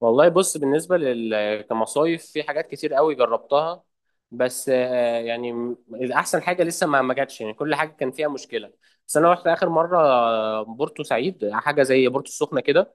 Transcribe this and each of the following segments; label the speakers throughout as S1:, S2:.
S1: والله بص بالنسبة لل كمصايف في حاجات كتير قوي جربتها. بس يعني أحسن حاجة لسه ما جاتش، يعني كل حاجة كان فيها مشكلة. بس أنا رحت آخر مرة بورتو سعيد، حاجة زي بورتو السخنة كده.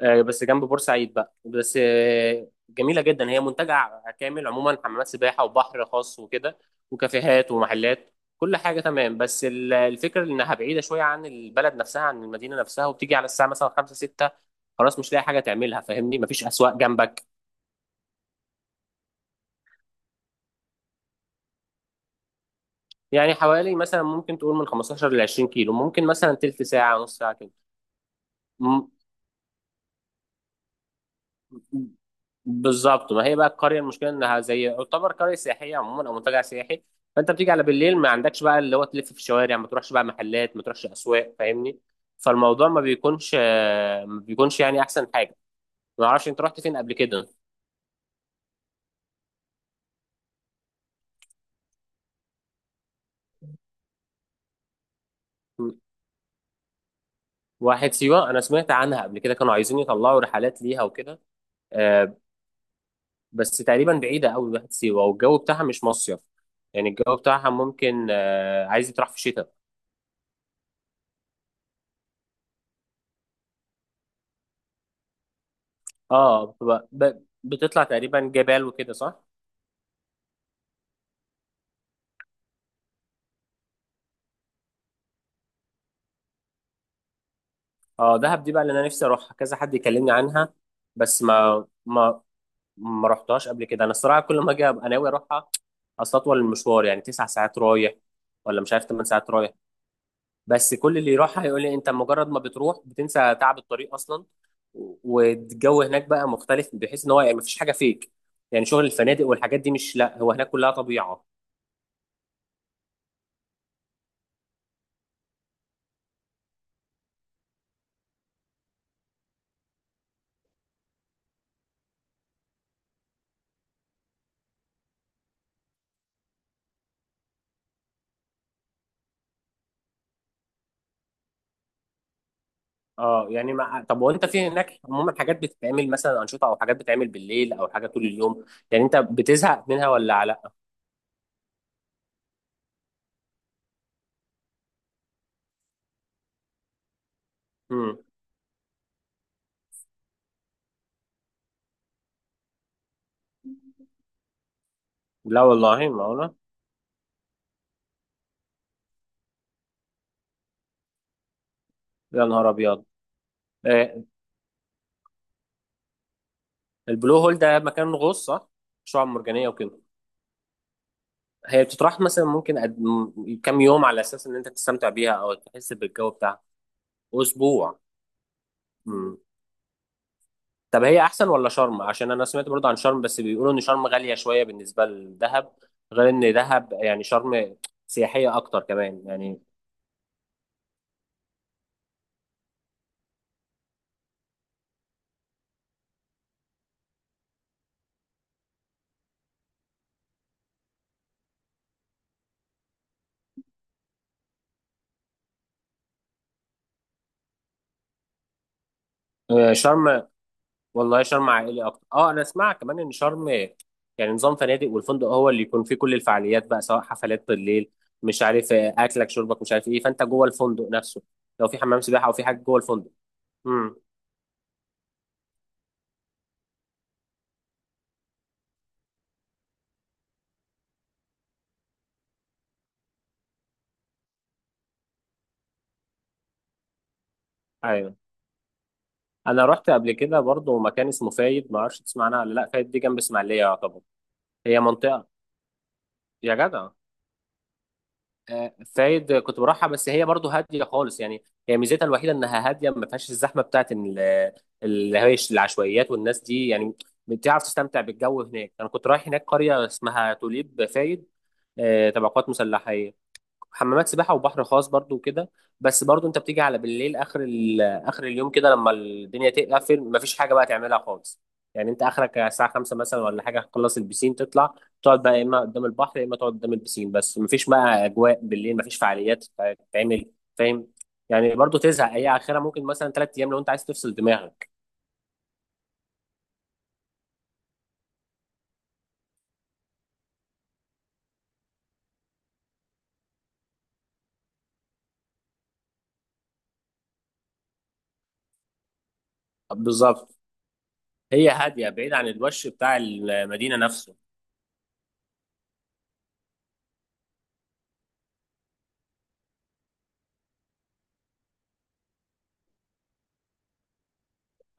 S1: بس جنب بورسعيد بقى. بس جميلة جدا، هي منتجع كامل عموما، حمامات سباحة وبحر خاص وكده وكافيهات ومحلات، كل حاجة تمام. بس الفكرة إنها بعيدة شوية عن البلد نفسها، عن المدينة نفسها، وبتيجي على الساعة مثلا خمسة ستة، خلاص مش لاقي حاجة تعملها. فاهمني؟ مفيش أسواق جنبك. يعني حوالي مثلا، ممكن تقول من 15 ل 20 كيلو، ممكن مثلا تلت ساعة نص ساعة كده. بالظبط، ما هي بقى القريه المشكله انها زي، يعتبر قريه سياحيه عموما او منتجع سياحي. فانت بتيجي على بالليل، ما عندكش بقى اللي هو تلف في الشوارع، ما تروحش بقى محلات، ما تروحش اسواق. فاهمني؟ فالموضوع ما بيكونش ما بيكونش يعني احسن حاجه. ما اعرفش انت رحت فين قبل كده. م. واحد سيوه انا سمعت عنها قبل كده، كانوا عايزين يطلعوا رحلات ليها وكده. آه، بس تقريبا بعيده قوي واحد سيوه، والجو بتاعها مش مصيف. يعني الجو بتاعها ممكن عايز يتراح في الشتاء. اه بتطلع تقريبا جبال وكده، صح. اه دهب دي بقى اللي انا نفسي اروحها، كذا حد يكلمني عنها. بس ما رحتهاش قبل كده. انا الصراحه كل ما اجي ابقى ناوي اروحها. اصل اطول المشوار يعني 9 ساعات رايح، ولا مش عارف 8 ساعات رايح. بس كل اللي يروحها يقول لي انت مجرد ما بتروح بتنسى تعب الطريق اصلا. والجو هناك بقى مختلف، بحيث ان هو يعني مفيش حاجه فيك، يعني شغل الفنادق والحاجات دي مش، لا هو هناك كلها طبيعه. اه يعني، ما طب وانت في هناك عموما حاجات بتتعمل، مثلا انشطه او حاجات بتتعمل بالليل او حاجه طول اليوم؟ يعني انت بتزهق منها ولا لا؟ مم. لا والله، معقولة. يا نهار أبيض. آه، البلو هول ده مكان غوص، صح؟ شعاب مرجانية وكده. هي بتطرح مثلا ممكن كام يوم على أساس إن أنت تستمتع بيها أو تحس بالجو بتاعها؟ أسبوع. مم. طب هي أحسن ولا شرم؟ عشان أنا سمعت برضه عن شرم، بس بيقولوا إن شرم غالية شوية بالنسبة لدهب. غير إن دهب يعني، شرم سياحية أكتر كمان يعني. شرم. والله شرم عائلي اكتر، اه انا اسمع كمان ان شرم، يعني نظام فنادق، والفندق هو اللي يكون فيه كل الفعاليات بقى، سواء حفلات بالليل، مش عارف اكلك شربك مش عارف ايه، فانت جوه الفندق نفسه، لو في حمام سباحه او في حاجه جوه الفندق. امم. ايوه انا رحت قبل كده برضه مكان اسمه فايد، ما اعرفش تسمع عنها ولا لا. فايد دي جنب اسماعيليه يعتبر، هي منطقه. يا جدع. فايد كنت بروحها، بس هي برضو هاديه خالص. يعني هي ميزتها الوحيده انها هاديه، ما فيهاش الزحمه بتاعت اللي هي العشوائيات والناس دي يعني. بتعرف تستمتع بالجو هناك. انا كنت رايح هناك قريه اسمها توليب فايد، تبع قوات مسلحه، حمامات سباحه وبحر خاص برضو وكده. بس برضو انت بتيجي على بالليل، اخر اليوم كده، لما الدنيا تقفل مفيش حاجه بقى تعملها خالص. يعني انت اخرك على الساعه 5 مثلا ولا حاجه، تخلص البسين تطلع، تقعد بقى يا اما قدام البحر يا اما تقعد قدام البسين. بس مفيش بقى اجواء بالليل، مفيش فعاليات تتعمل. فاهم؟ يعني برضو تزهق. هي اخرها ممكن مثلا 3 ايام، لو انت عايز تفصل دماغك. بالظبط. هي هاديه، بعيد عن الوش بتاع المدينه نفسه.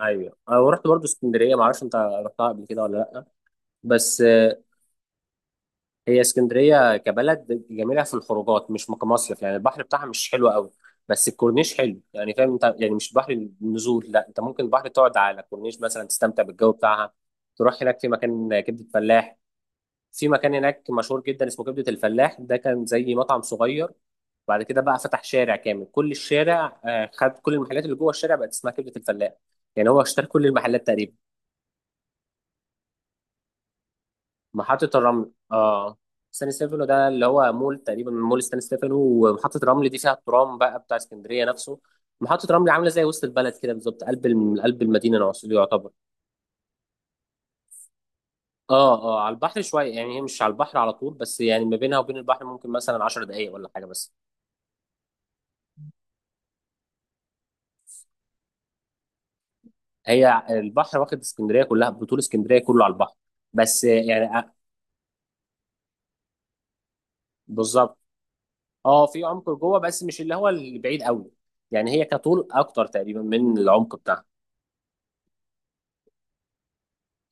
S1: ايوه انا رحت برضو اسكندريه، ما اعرفش انت رحتها قبل كده ولا لا. بس هي اسكندرية كبلد جميلة في الخروجات، مش كمصيف. يعني البحر بتاعها مش حلو قوي، بس الكورنيش حلو. يعني فاهم انت، يعني مش بحر النزول، لا انت ممكن البحر تقعد على الكورنيش مثلا، تستمتع بالجو بتاعها. تروح هناك في مكان كبدة فلاح. في مكان هناك مشهور جدا اسمه كبدة الفلاح. ده كان زي مطعم صغير، بعد كده بقى فتح شارع كامل، كل الشارع خد كل المحلات اللي جوه الشارع بقت اسمها كبدة الفلاح. يعني هو اشترى كل المحلات تقريبا. محطة الرمل، اه. ستاني ستيفانو ده اللي هو مول، تقريبا مول ستاني ستيفانو. ومحطة الرمل دي فيها الترام بقى بتاع اسكندرية نفسه. محطة الرمل عاملة زي وسط البلد كده بالظبط، قلب المدينة نفسه يعتبر. اه اه، على البحر شوية. يعني هي مش على البحر على طول، بس يعني ما بينها وبين البحر ممكن مثلا 10 دقايق ولا حاجة. بس هي البحر واخد اسكندرية كلها بطول، اسكندرية كله على البحر. بس يعني بالظبط. اه في عمق جوه، بس مش اللي هو البعيد قوي. يعني هي كطول اكتر تقريبا من العمق بتاعها.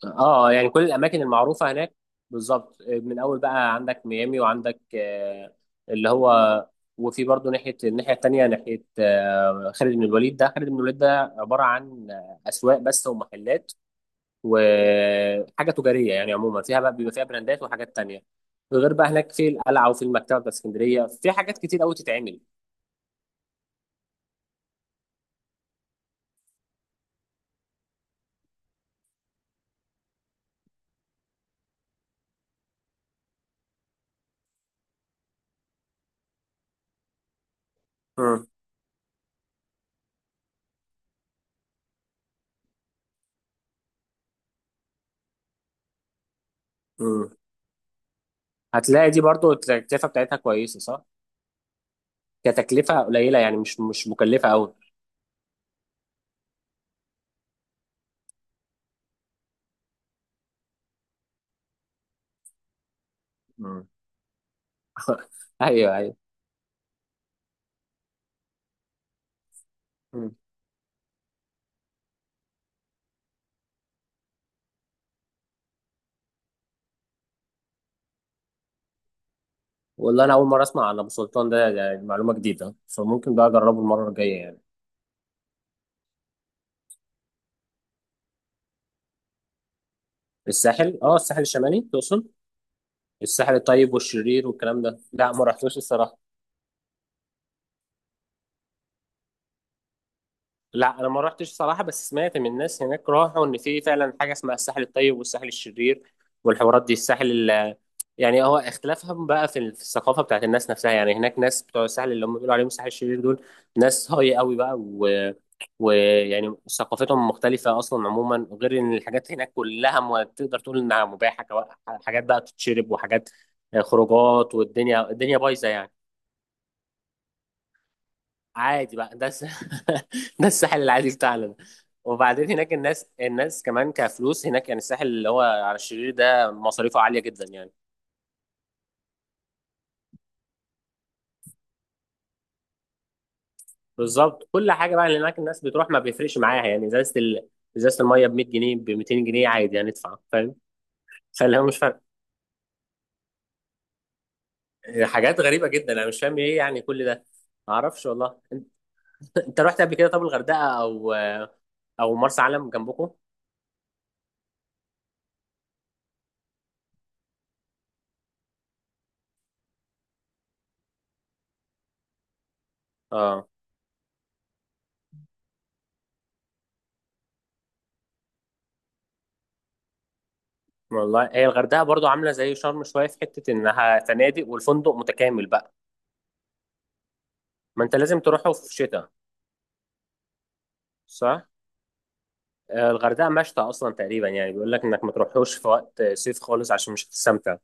S1: اه يعني كل الاماكن المعروفه هناك، بالظبط من اول بقى عندك ميامي وعندك اللي هو، وفي برضه الناحيه التانيه، ناحيه خالد بن الوليد. ده خالد بن الوليد ده عباره عن اسواق بس ومحلات وحاجه تجاريه. يعني عموما فيها بقى بيبقى فيها براندات وحاجات تانيه، غير بقى هناك في القلعه وفي المكتبه بتاعت اسكندريه، في حاجات كتير قوي تتعمل. مم. مم. هتلاقي دي برضه التكلفه بتاعتها كويسه، صح؟ كتكلفه قليله، يعني مش مكلفه قوي. ايوه ايوه. مم. والله انا اول مره اسمع عن ابو سلطان ده، ده معلومه جديده، فممكن بقى اجربه المره الجايه يعني. الساحل، اه الساحل الشمالي تقصد؟ الساحل الطيب والشرير والكلام ده، لا ما رحتوش الصراحه. لا انا ما رحتش صراحه، بس سمعت من الناس هناك راحوا ان في فعلا حاجه اسمها الساحل الطيب والساحل الشرير والحوارات دي. يعني هو اختلافهم بقى في في الثقافه بتاعت الناس نفسها. يعني هناك ناس بتوع الساحل، اللي هم بيقولوا عليهم الساحل الشرير، دول ناس هاي قوي بقى ويعني ثقافتهم مختلفه اصلا عموما، غير ان الحاجات هناك كلها تقدر تقول انها مباحه، حاجات بقى تتشرب، وحاجات خروجات، والدنيا الدنيا بايظه يعني. عادي بقى، ده ده الساحل العادي بتاعنا ده. وبعدين هناك الناس كمان كفلوس هناك، يعني الساحل اللي هو على الشرير ده مصاريفه عالية جدا يعني. بالظبط، كل حاجة بقى اللي هناك الناس بتروح ما بيفرقش معاها يعني. ازازة المية ب 100 جنيه، ب 200 جنيه عادي، يعني ادفع. فاهم؟ فاللي هو مش فارق. حاجات غريبة جدا، انا مش فاهم ايه يعني كل ده. ما اعرفش والله. انت انت رحت قبل كده طب الغردقة او مرسى علم جنبكم؟ اه والله هي الغردقه برضو عامله زي شرم شويه، في حته انها فنادق، والفندق متكامل بقى. ما انت لازم تروحه في شتاء، صح. الغردقه مشتى اصلا تقريبا، يعني بيقول لك انك ما تروحوش في وقت صيف خالص عشان مش هتستمتع.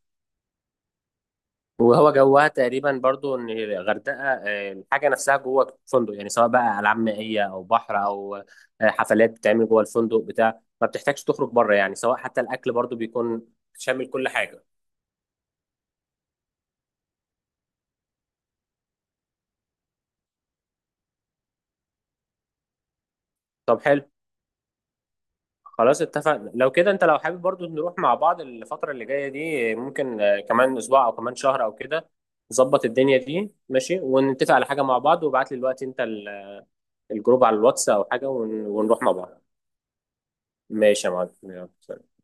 S1: وهو جوها تقريبا برضو، ان الغردقه الحاجه نفسها جوه الفندق، يعني سواء بقى العاب مائيه او بحر او حفلات بتتعمل جوه الفندق بتاع، ما بتحتاجش تخرج بره، يعني سواء حتى الاكل برضو بيكون شامل كل حاجه. طب حلو، خلاص اتفقنا. لو كده انت لو حابب برضو نروح مع بعض الفترة اللي جاية دي، ممكن كمان اسبوع او كمان شهر او كده، نظبط الدنيا دي. ماشي؟ ونتفق على حاجة مع بعض. وابعت لي دلوقتي انت الجروب على الواتس او حاجة ونروح مع بعض. ماشي يا معلم، يلا.